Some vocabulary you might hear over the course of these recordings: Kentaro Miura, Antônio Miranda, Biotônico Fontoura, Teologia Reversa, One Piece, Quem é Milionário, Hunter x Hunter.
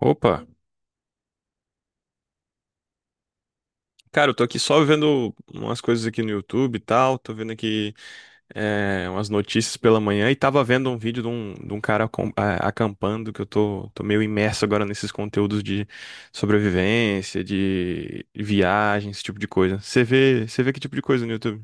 Opa, cara, eu tô aqui só vendo umas coisas aqui no YouTube e tal, tô vendo aqui umas notícias pela manhã e tava vendo um vídeo de um cara acampando, que eu tô meio imerso agora nesses conteúdos de sobrevivência, de viagem, esse tipo de coisa. Você vê que tipo de coisa no YouTube?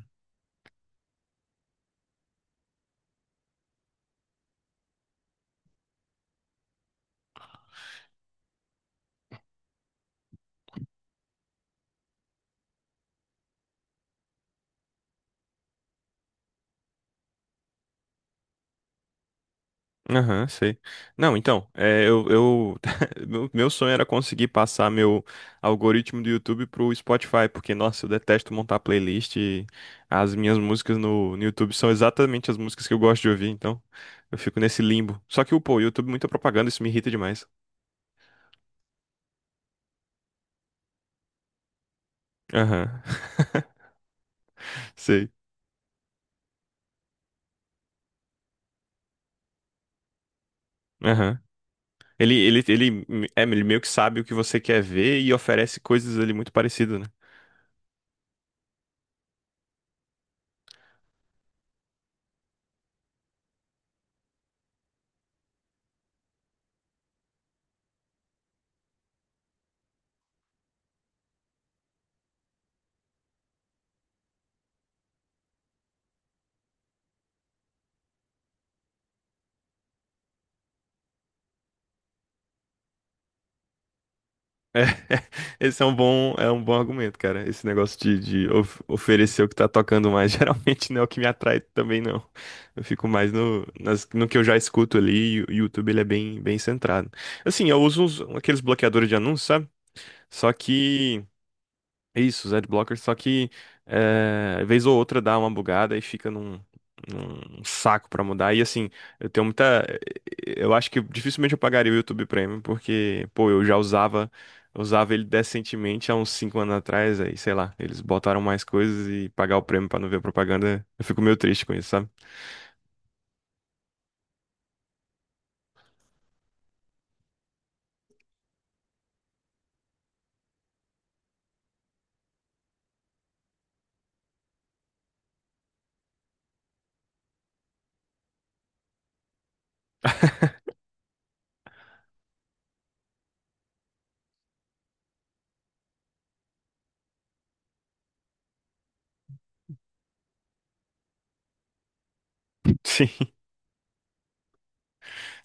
Aham, sei. Não, então, é, eu meu sonho era conseguir passar meu algoritmo do YouTube pro Spotify, porque, nossa, eu detesto montar playlist e as minhas músicas no, no YouTube são exatamente as músicas que eu gosto de ouvir, então eu fico nesse limbo. Só que, pô, o YouTube é muita propaganda, isso me irrita demais. Aham, sei. Aham. Ele, é, ele meio que sabe o que você quer ver e oferece coisas ali muito parecidas, né? Esse é um bom argumento, cara. Esse negócio de, de oferecer o que tá tocando mais, geralmente não é o que me atrai também, não. Eu fico mais no, no que eu já escuto ali, e o YouTube ele é bem, bem centrado. Assim, eu uso aqueles bloqueadores de anúncios, sabe? Só que isso, os adblockers, só que vez ou outra dá uma bugada e fica num, num saco pra mudar. E assim, eu tenho muita. Eu acho que dificilmente eu pagaria o YouTube Premium, porque, pô, eu já usava ele decentemente há uns 5 anos atrás, aí, sei lá, eles botaram mais coisas e pagar o prêmio pra não ver a propaganda, eu fico meio triste com isso, sabe? Sim,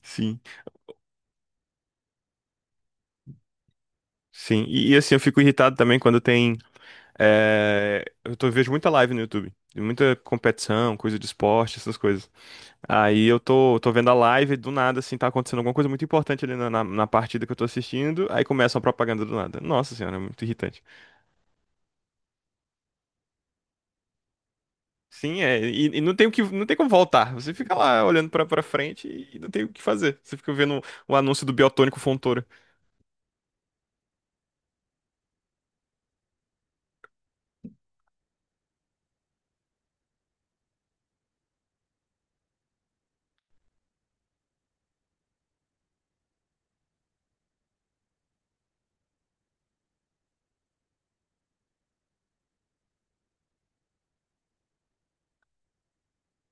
sim, sim. E, assim, eu fico irritado também quando tem. Eu tô, vejo muita live no YouTube. Muita competição, coisa de esporte, essas coisas. Aí eu tô vendo a live, do nada, assim, tá acontecendo alguma coisa muito importante ali na partida que eu tô assistindo, aí começa uma propaganda do nada. Nossa senhora, é muito irritante. Sim, é, e não tem o que, não tem como voltar. Você fica lá olhando pra frente e não tem o que fazer. Você fica vendo o anúncio do Biotônico Fontoura.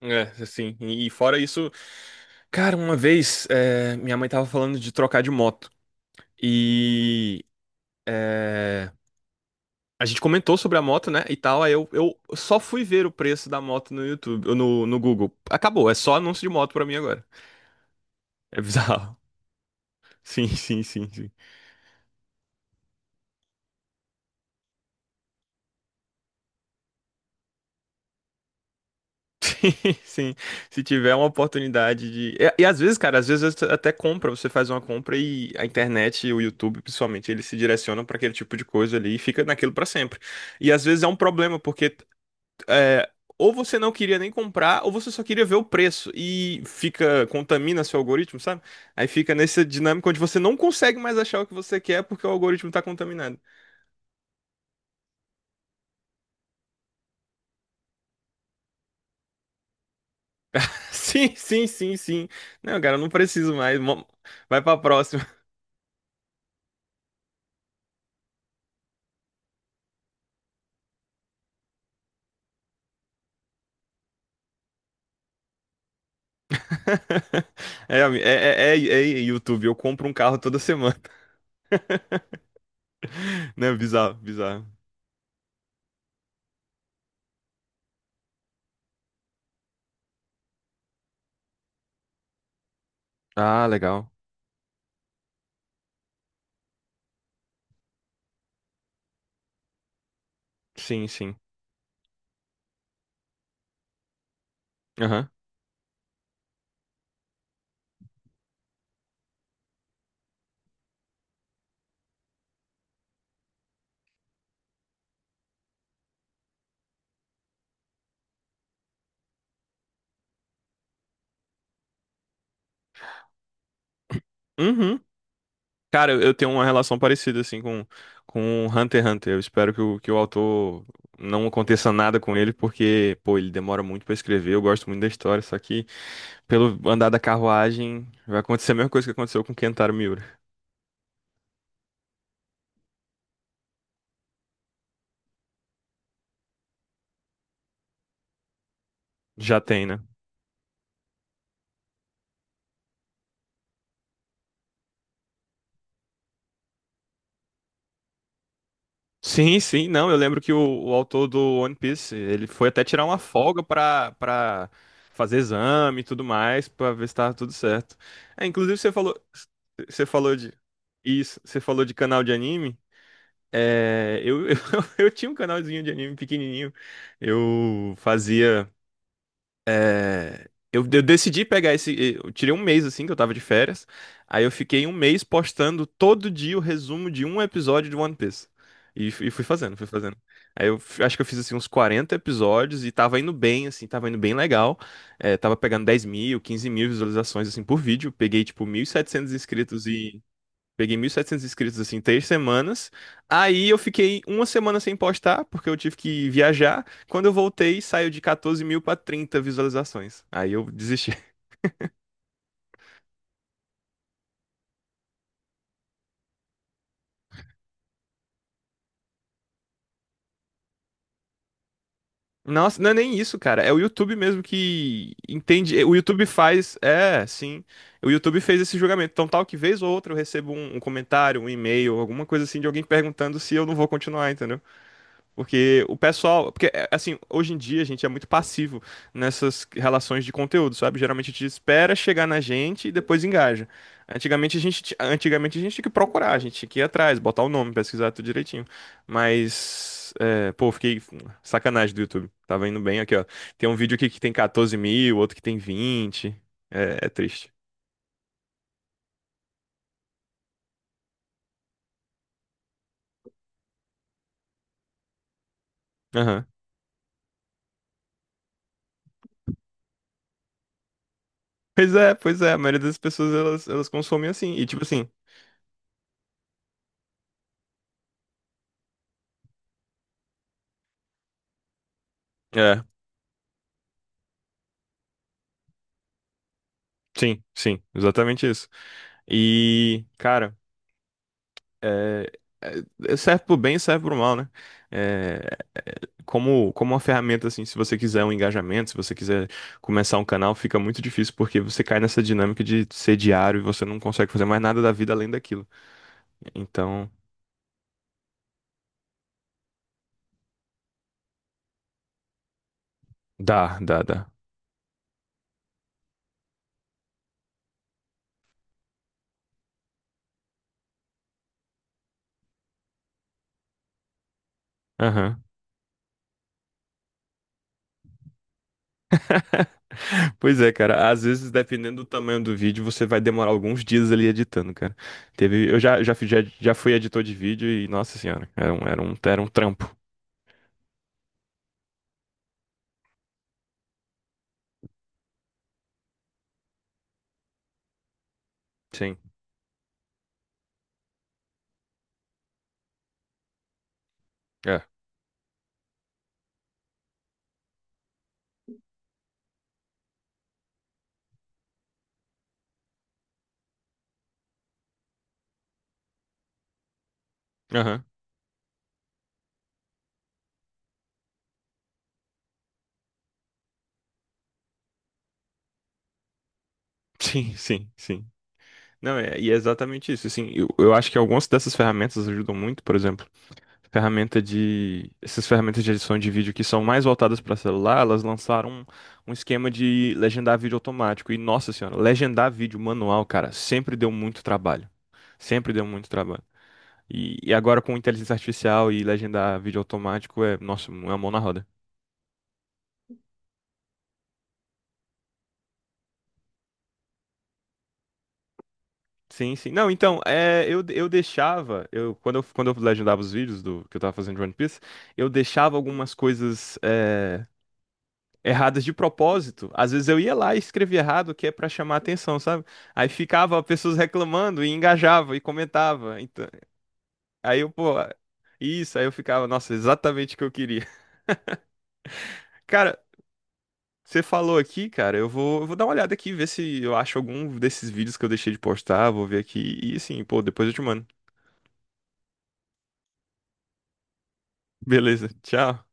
É, assim, e fora isso, cara, uma vez, é, minha mãe tava falando de trocar de moto. E. A gente comentou sobre a moto, né, e tal, aí eu só fui ver o preço da moto no YouTube, no, no Google. Acabou, é só anúncio de moto pra mim agora. É bizarro. Sim, sim, sim, sim. Sim. Se tiver uma oportunidade de. E às vezes, cara, às vezes você até compra, você faz uma compra e a internet e o YouTube, principalmente, eles se direcionam pra aquele tipo de coisa ali e fica naquilo pra sempre. E às vezes é um problema, porque é, ou você não queria nem comprar, ou você só queria ver o preço e fica, contamina seu algoritmo, sabe? Aí fica nessa dinâmica onde você não consegue mais achar o que você quer porque o algoritmo tá contaminado. Sim, sim, sim, sim. Não, cara, eu não preciso mais. Mo- Vai pra próxima. É, é YouTube, eu compro um carro toda semana. Né? Bizarro, bizarro. Ah, legal. Sim, sim. Aham. Uhum. Cara, eu tenho uma relação parecida, assim, com Hunter x Hunter. Eu espero que o autor não aconteça nada com ele, porque, pô, ele demora muito pra escrever. Eu gosto muito da história, só que pelo andar da carruagem vai acontecer a mesma coisa que aconteceu com Kentaro Miura. Já tem, né? Sim, sim, não. Eu lembro que o autor do One Piece, ele foi até tirar uma folga pra fazer exame e tudo mais, pra ver se tava tudo certo. É, inclusive, você falou de. Isso, você falou de canal de anime. É, eu, eu tinha um canalzinho de anime pequenininho. Eu fazia. É, eu decidi pegar esse. Eu tirei um mês assim, que eu tava de férias. Aí eu fiquei um mês postando todo dia o resumo de um episódio de One Piece. E, e fui fazendo, fui fazendo. Aí eu acho que eu fiz assim uns 40 episódios e tava indo bem, assim, tava indo bem legal. É, tava pegando 10 mil, 15 mil visualizações assim por vídeo. Peguei tipo 1.700 inscritos. Peguei 1.700 inscritos assim, em três semanas. Aí eu fiquei uma semana sem postar, porque eu tive que viajar. Quando eu voltei, saiu de 14 mil para 30 visualizações. Aí eu desisti. Nossa, não é nem isso, cara. É o YouTube mesmo que entende. O YouTube faz. É, sim. O YouTube fez esse julgamento. Então, tal que vez ou outra, eu recebo um, um comentário, um e-mail, alguma coisa assim de alguém perguntando se eu não vou continuar, entendeu? Porque o pessoal. Porque, é, assim, hoje em dia a gente é muito passivo nessas relações de conteúdo, sabe? Geralmente a gente espera chegar na gente e depois engaja. Antigamente a gente, antigamente a gente tinha que procurar, a gente tinha que ir atrás, botar o nome, pesquisar tudo direitinho. Mas. É, pô, fiquei. Sacanagem do YouTube. Tava indo bem aqui, ó. Tem um vídeo aqui que tem 14 mil, outro que tem vinte. É, é triste. Aham. Pois é, pois é. A maioria das pessoas elas, elas consomem assim. E tipo assim. É, sim, sim, exatamente isso. E, cara, é, é- é, serve pro bem e serve pro mal, né? É, como, como uma ferramenta, assim, se você quiser um engajamento, se você quiser começar um canal, fica muito difícil porque você cai nessa dinâmica de ser diário e você não consegue fazer mais nada da vida além daquilo. Então, dá, dá, dá. Aham. Pois é, cara. Às vezes, dependendo do tamanho do vídeo, você vai demorar alguns dias ali editando, cara. Teve, eu fiz- já, já fui editor de vídeo e, nossa senhora, era um trampo. Sim. Aham. Sim, sim, sim. Não, é, e é exatamente isso. Assim, eu acho que algumas dessas ferramentas ajudam muito, por exemplo, ferramenta de, essas ferramentas de edição de vídeo que são mais voltadas para celular, elas lançaram um, um esquema de legendar vídeo automático. E, nossa senhora, legendar vídeo manual, cara, sempre deu muito trabalho. Sempre deu muito trabalho. E agora com inteligência artificial e legendar vídeo automático é, nossa, é uma mão na roda. Sim, sim. Não, então, é, eu deixava, eu, quando eu, quando eu legendava os vídeos do que eu tava fazendo de One Piece, eu deixava algumas coisas erradas de propósito. Às vezes eu ia lá e escrevia errado, que é pra chamar atenção, sabe? Aí ficava pessoas reclamando e engajava e comentava. Então, aí eu, pô, isso, aí eu ficava, nossa, exatamente o que eu queria. Cara, você falou aqui, cara, eu vou dar uma olhada aqui, ver se eu acho algum desses vídeos que eu deixei de postar, vou ver aqui e assim, pô, depois eu te mando. Beleza, tchau.